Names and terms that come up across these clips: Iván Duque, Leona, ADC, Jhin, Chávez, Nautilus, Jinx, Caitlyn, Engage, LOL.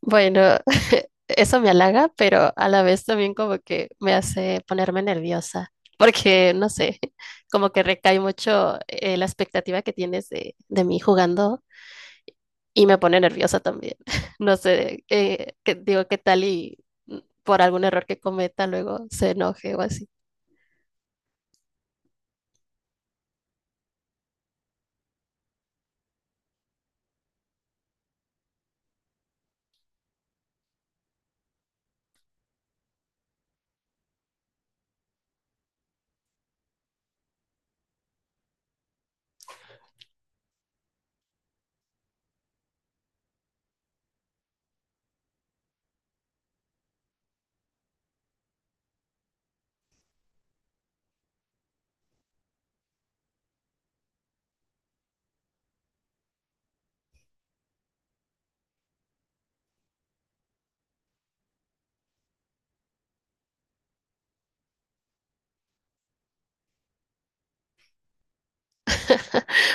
Bueno, eso me halaga, pero a la vez también como que me hace ponerme nerviosa, porque no sé, como que recae mucho la expectativa que tienes de mí jugando y me pone nerviosa también. No sé, digo, qué tal y mm, por algún error que cometa luego se enoje o así.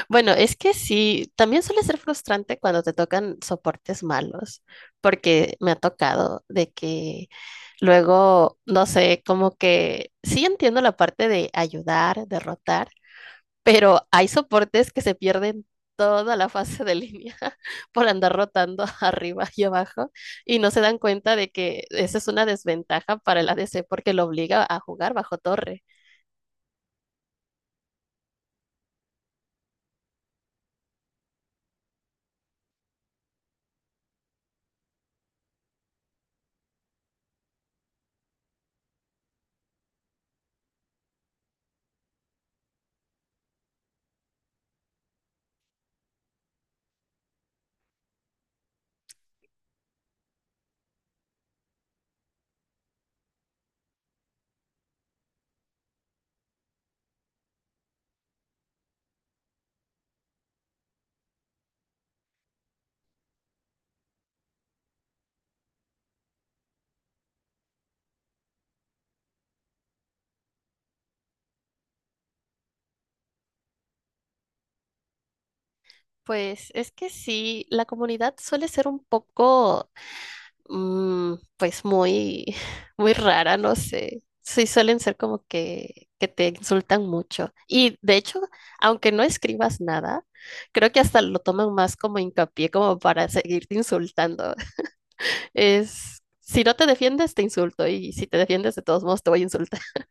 Bueno, es que sí, también suele ser frustrante cuando te tocan soportes malos, porque me ha tocado de que luego, no sé, como que sí entiendo la parte de ayudar, derrotar, pero hay soportes que se pierden toda la fase de línea por andar rotando arriba y abajo y no se dan cuenta de que esa es una desventaja para el ADC porque lo obliga a jugar bajo torre. Pues es que sí, la comunidad suele ser un poco pues muy, muy rara, no sé. Sí, suelen ser como que te insultan mucho. Y de hecho, aunque no escribas nada, creo que hasta lo toman más como hincapié, como para seguirte insultando. Es, si no te defiendes, te insulto. Y si te defiendes, de todos modos, te voy a insultar.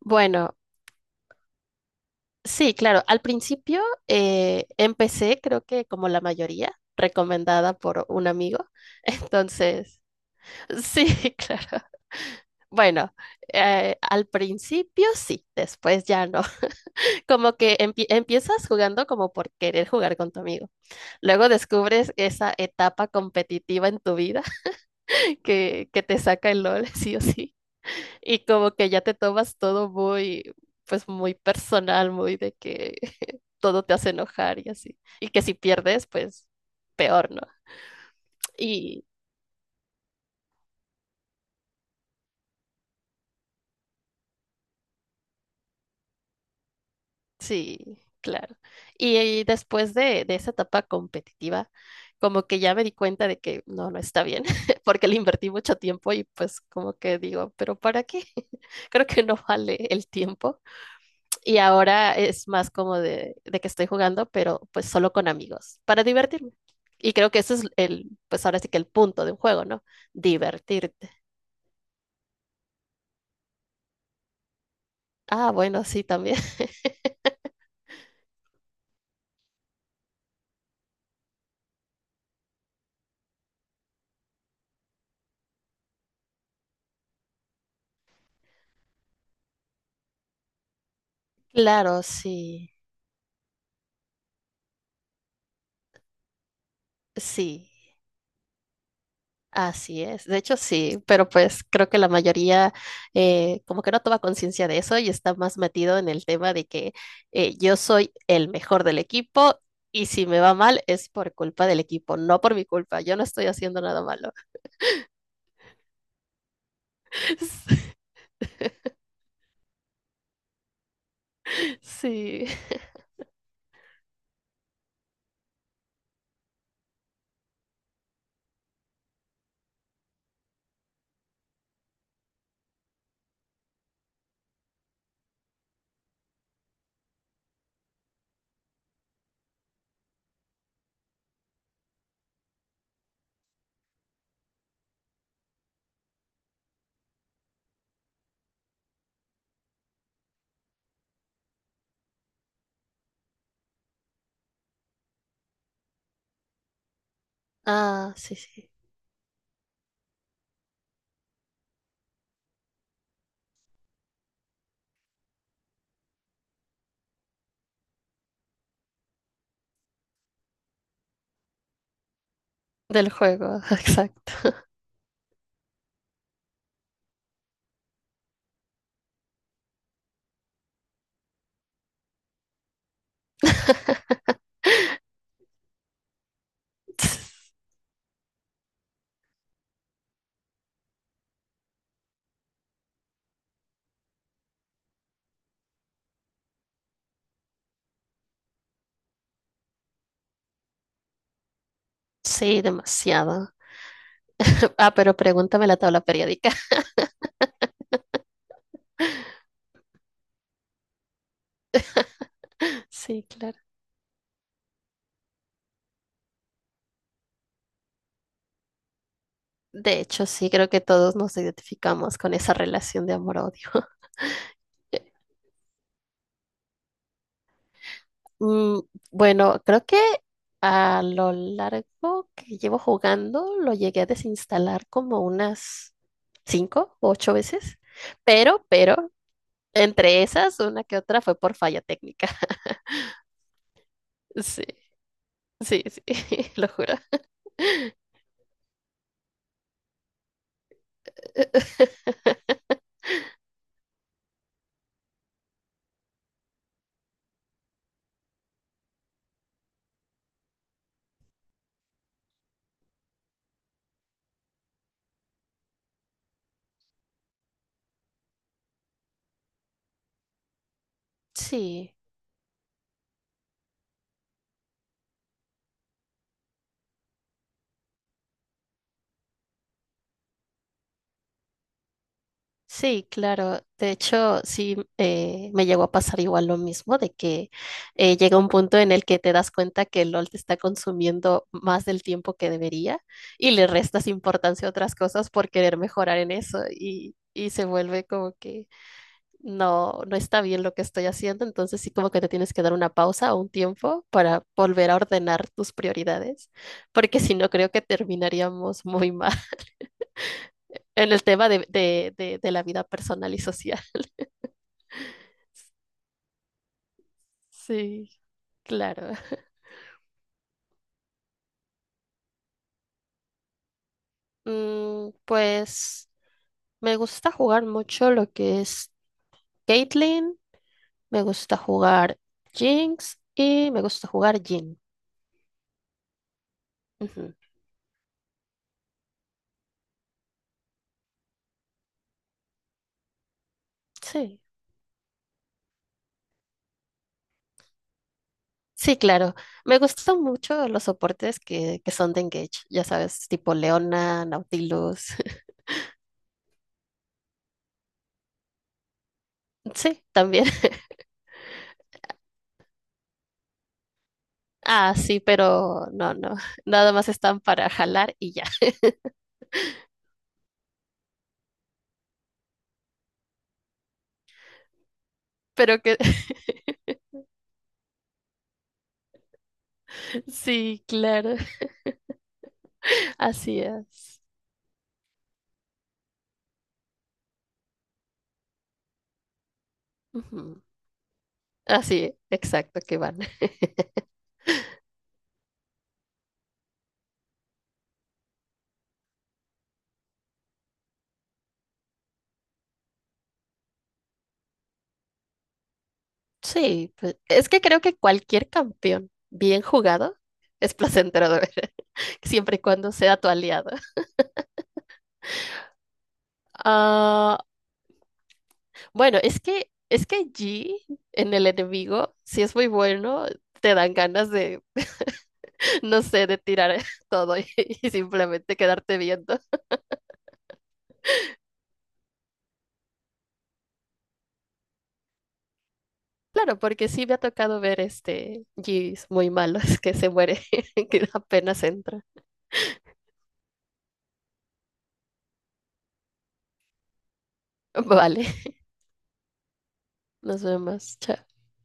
Bueno, sí, claro. Al principio empecé, creo que como la mayoría, recomendada por un amigo. Entonces, sí, claro. Bueno, al principio sí, después ya no. Como que empiezas jugando como por querer jugar con tu amigo. Luego descubres esa etapa competitiva en tu vida que te saca el LOL, sí o sí. Y como que ya te tomas todo muy, pues muy personal, muy de que todo te hace enojar y así. Y que si pierdes, pues peor, ¿no? Sí, claro. Y después de esa etapa competitiva, como que ya me di cuenta de que no, no está bien, porque le invertí mucho tiempo y pues como que digo, pero ¿para qué? Creo que no vale el tiempo. Y ahora es más como de que estoy jugando, pero pues solo con amigos, para divertirme. Y creo que ese es el, pues ahora sí que el punto de un juego, ¿no? Divertirte. Ah, bueno, sí, también. Claro, sí, sí. Así es, de hecho sí, pero pues creo que la mayoría como que no toma conciencia de eso y está más metido en el tema de que yo soy el mejor del equipo y si me va mal es por culpa del equipo, no por mi culpa, yo no estoy haciendo nada malo. Sí, ah, sí, sí, del juego, exacto. Sí, demasiado. Ah, pero pregúntame la tabla periódica. Sí, claro. De hecho, sí, creo que todos nos identificamos con esa relación de amor-odio. Mm, bueno, creo que a lo largo que llevo jugando lo llegué a desinstalar como unas cinco o ocho veces, pero, entre esas, una que otra fue por falla técnica. Sí, sí, sí, lo juro. Sí. Sí, claro. De hecho, sí, me llegó a pasar igual lo mismo, de que llega un punto en el que te das cuenta que el LOL te está consumiendo más del tiempo que debería y le restas importancia a otras cosas por querer mejorar en eso y se vuelve como que no, no está bien lo que estoy haciendo, entonces sí como que te tienes que dar una pausa o un tiempo para volver a ordenar tus prioridades, porque si no creo que terminaríamos muy mal en el tema de la vida personal y social. Sí, claro. Mm, pues me gusta jugar mucho lo que es Caitlyn, me gusta jugar Jinx y me gusta jugar Jhin. Ujú, sí, sí, claro. Me gustan mucho los soportes que son de Engage, ya sabes, tipo Leona, Nautilus. Sí, también. Ah, sí, pero no, no. Nada más están para jalar y ya. Pero que sí, claro. Así es. Ujú. Así, exacto, que van. Sí, pues, es que creo que cualquier campeón bien jugado es placentero de ver, siempre y cuando sea tu aliado. Ah, bueno, es que G en el enemigo, si es muy bueno, te dan ganas de, no sé, de tirar todo y simplemente quedarte viendo. Claro, porque sí me ha tocado ver este Gs muy malos que se muere, que apenas entra. Vale, nos vemos, chao.